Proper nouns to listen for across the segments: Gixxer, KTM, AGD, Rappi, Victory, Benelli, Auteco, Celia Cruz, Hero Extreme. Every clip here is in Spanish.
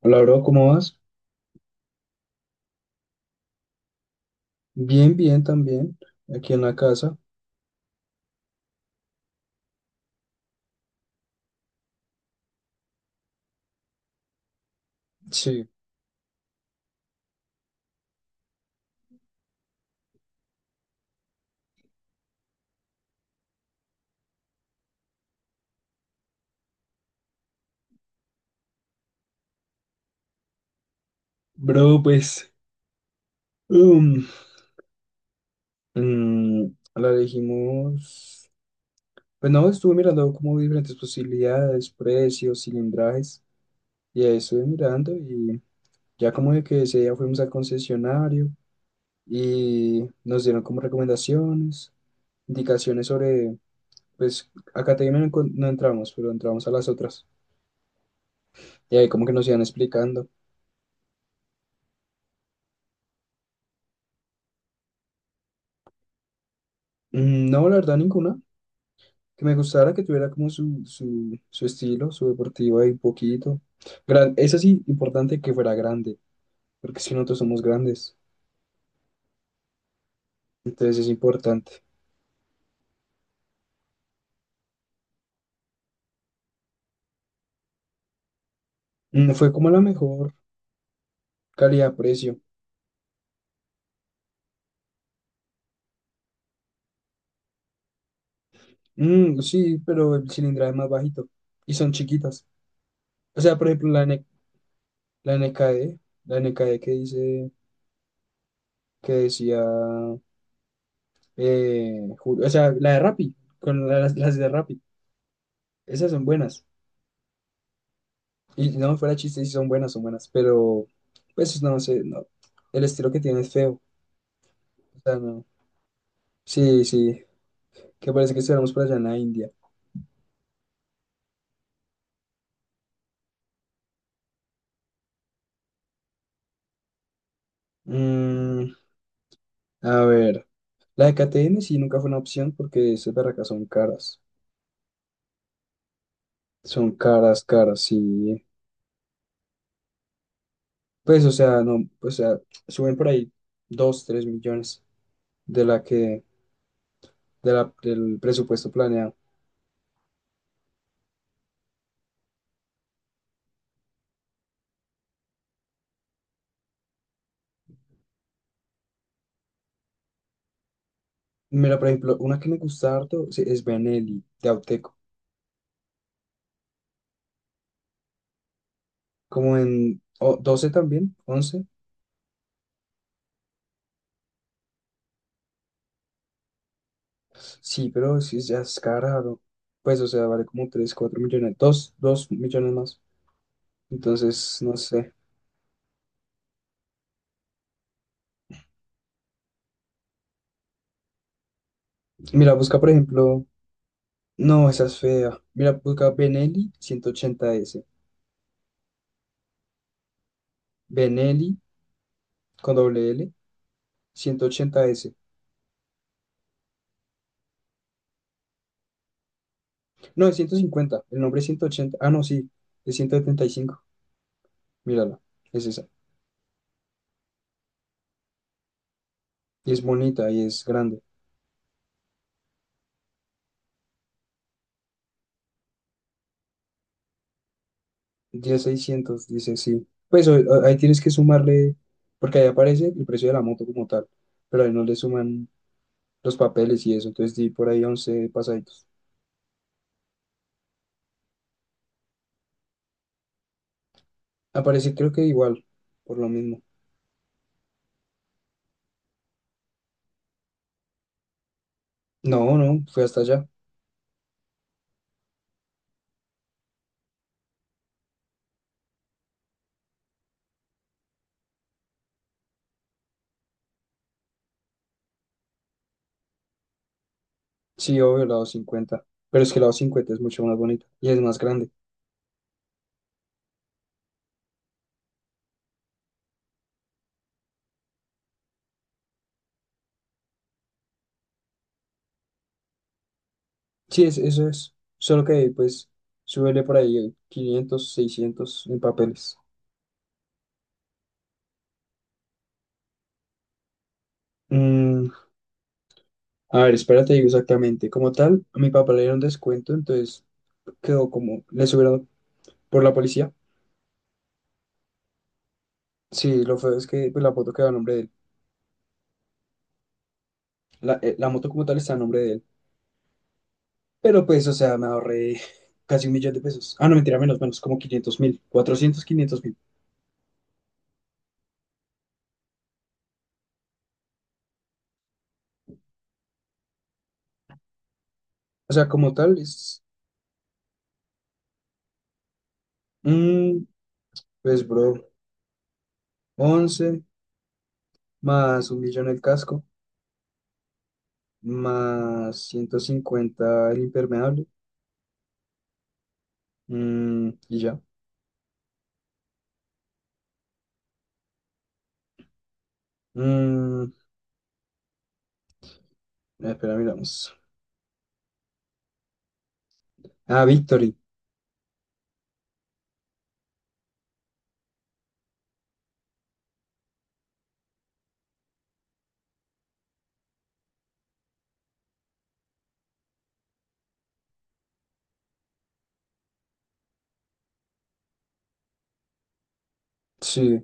Hola, bro, ¿cómo vas? Bien, bien, también, aquí en la casa. Sí, bro, pues, um, mm, la elegimos, pues no, estuve mirando como diferentes posibilidades, precios, cilindrajes, y ahí estuve mirando y ya como de que ese día fuimos al concesionario y nos dieron como recomendaciones, indicaciones sobre, pues, acá te no entramos, pero entramos a las otras, y ahí como que nos iban explicando. Mm, no, la verdad, ninguna. Que me gustara, que tuviera como su, su estilo, su deportivo ahí un poquito. Gran, eso sí, importante que fuera grande, porque si nosotros somos grandes, entonces es importante. Mm, fue como la mejor calidad-precio. Mm, sí, pero el cilindraje es más bajito y son chiquitas. O sea, por ejemplo, la NKD, la NKD, que decía, eh, o sea, la de Rappi, con las de Rappi, esas son buenas. Y no, fuera de chiste, sí son buenas, pero pues no sé, no. El estilo que tiene es feo. O sea, no. Sí, sí, que parece que estuviéramos por allá en la India. Mm, a ver, la de KTM sí nunca fue una opción porque esas barracas son caras. Son caras, caras, sí. Pues, o sea, no, o sea, suben por ahí 2 3 millones de la que, de la, del presupuesto planeado. Mira, por ejemplo, una que me gusta harto sí, es Benelli, de Auteco. Como en 12 también, 11. Sí, pero sí, ya es caro. Pues, o sea, vale como 3 4 millones, dos millones más. Entonces, no sé. Mira, busca, por ejemplo, no, esa es fea. Mira, busca Benelli 180 s. Benelli con doble L, 180 s. No, es 150. El nombre es 180. Ah, no, sí, es 175. Mírala, es esa. Y es bonita y es grande. 10 600 dice, sí. Pues ahí tienes que sumarle, porque ahí aparece el precio de la moto como tal, pero ahí no le suman los papeles y eso, entonces di por ahí 11 pasaditos. Aparecí creo que igual, por lo mismo. No, no, fue hasta allá. Sí, obvio, lado 50, pero es que lado 50 es mucho más bonito y es más grande. Sí, es, eso es, solo que pues súbele por ahí 500 600 en papeles. Mm, a ver, espérate, digo exactamente. Como tal, a mi papá le dieron descuento, entonces quedó como, le subieron por la policía. Sí, lo feo es que pues la foto quedó a nombre de él. La, la moto como tal está a nombre de él. Pero pues, o sea, me ahorré casi $1 000 000. Ah, no, mentira, menos, menos, como 500 000, 400 000 500 000. O sea, como tal, es, mm, pues, bro, 11 más 1 000 000 el casco, más 150 el impermeable, y ya. Mm, espera, miramos. Ah, Victory, sí,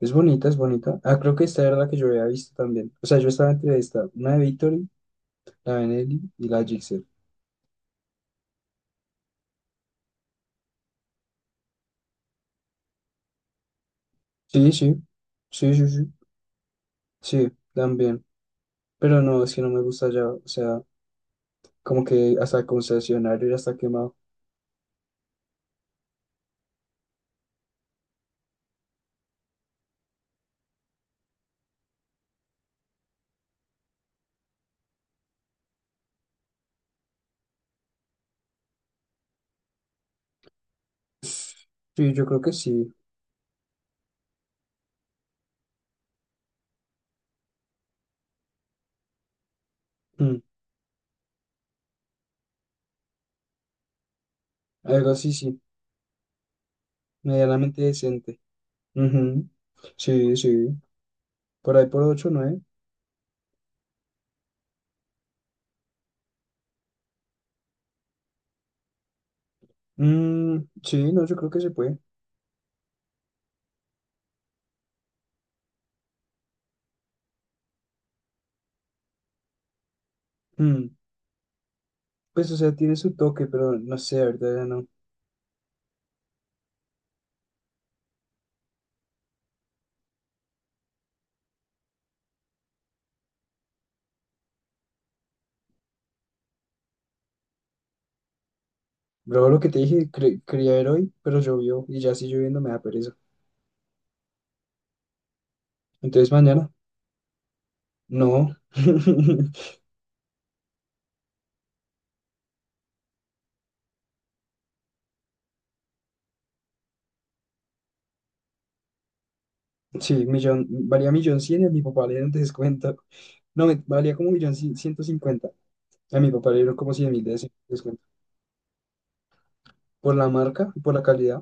es bonita, es bonita. Ah, creo que esta era la que yo había visto también. O sea, yo estaba entre esta, una de Victory, la Benelli y la Gixxer. Sí, sí, sí, sí, sí, sí, también. Pero no, es que no me gusta ya, o sea, como que hasta el concesionario ya está quemado. Sí, yo creo que sí. Mm, algo así, sí. Medianamente decente. Ujú. Sí, sí. Por ahí por 8 9. Mm, sí, no, yo creo que se puede. Mm, pues, o sea, tiene su toque, pero no sé, ahorita ya no. Luego lo que te dije, quería ver hoy, pero llovió y ya si lloviendo me da pereza. Entonces mañana, no. Sí, 1 000 000, valía 1 100 000 y a mi papá le dieron descuento. No, valía como 150. A mi papá le dieron como 100 000 de descuento. Por la marca, por la calidad.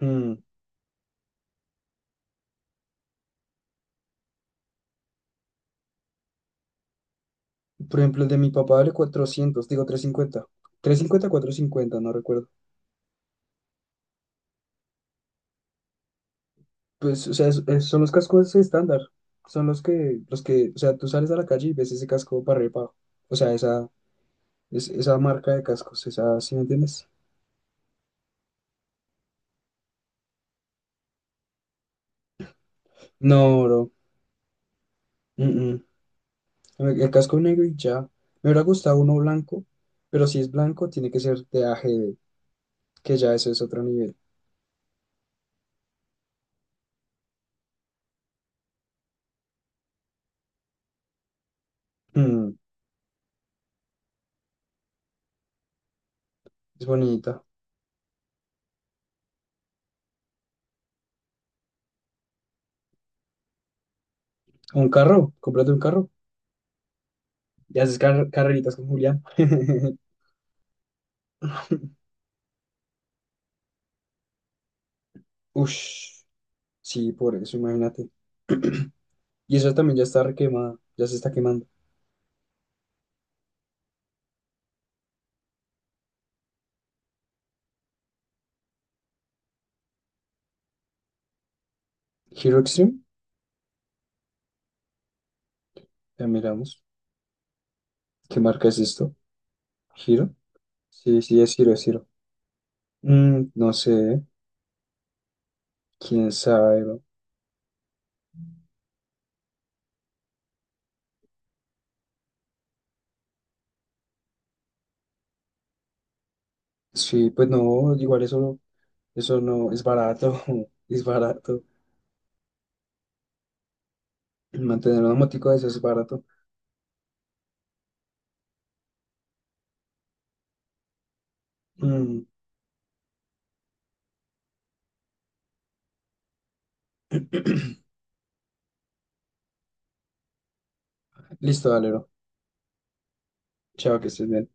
Mm, por ejemplo, el de mi papá vale 400 digo 350, trescientos cincuenta, 350, 50 no recuerdo. Pues, o sea, son los cascos estándar. Son los que, o sea, tú sales a la calle y ves ese casco para arriba y para abajo. O sea, esa, esa marca de cascos, esa, ¿sí me entiendes? No, bro. mm, mm. El casco negro y ya. Me hubiera gustado uno blanco, pero si es blanco, tiene que ser de AGD, que ya eso es otro nivel. Mm, es bonita. Un carro, cómprate un carro. Y haces carreritas con Julián. Ush, sí, por eso, imagínate. Y eso también ya está requemada, ya se está quemando. Hero Extreme, ya miramos. ¿Qué marca es esto? ¿Hero? Sí, sí, es Hero, es Hero. Mm, no sé, quién sabe, bro. Sí, pues no, igual eso. Eso no es barato, es barato. Mantener una motico de eso es barato. Mm. Listo, Valero. Chao, que estés bien.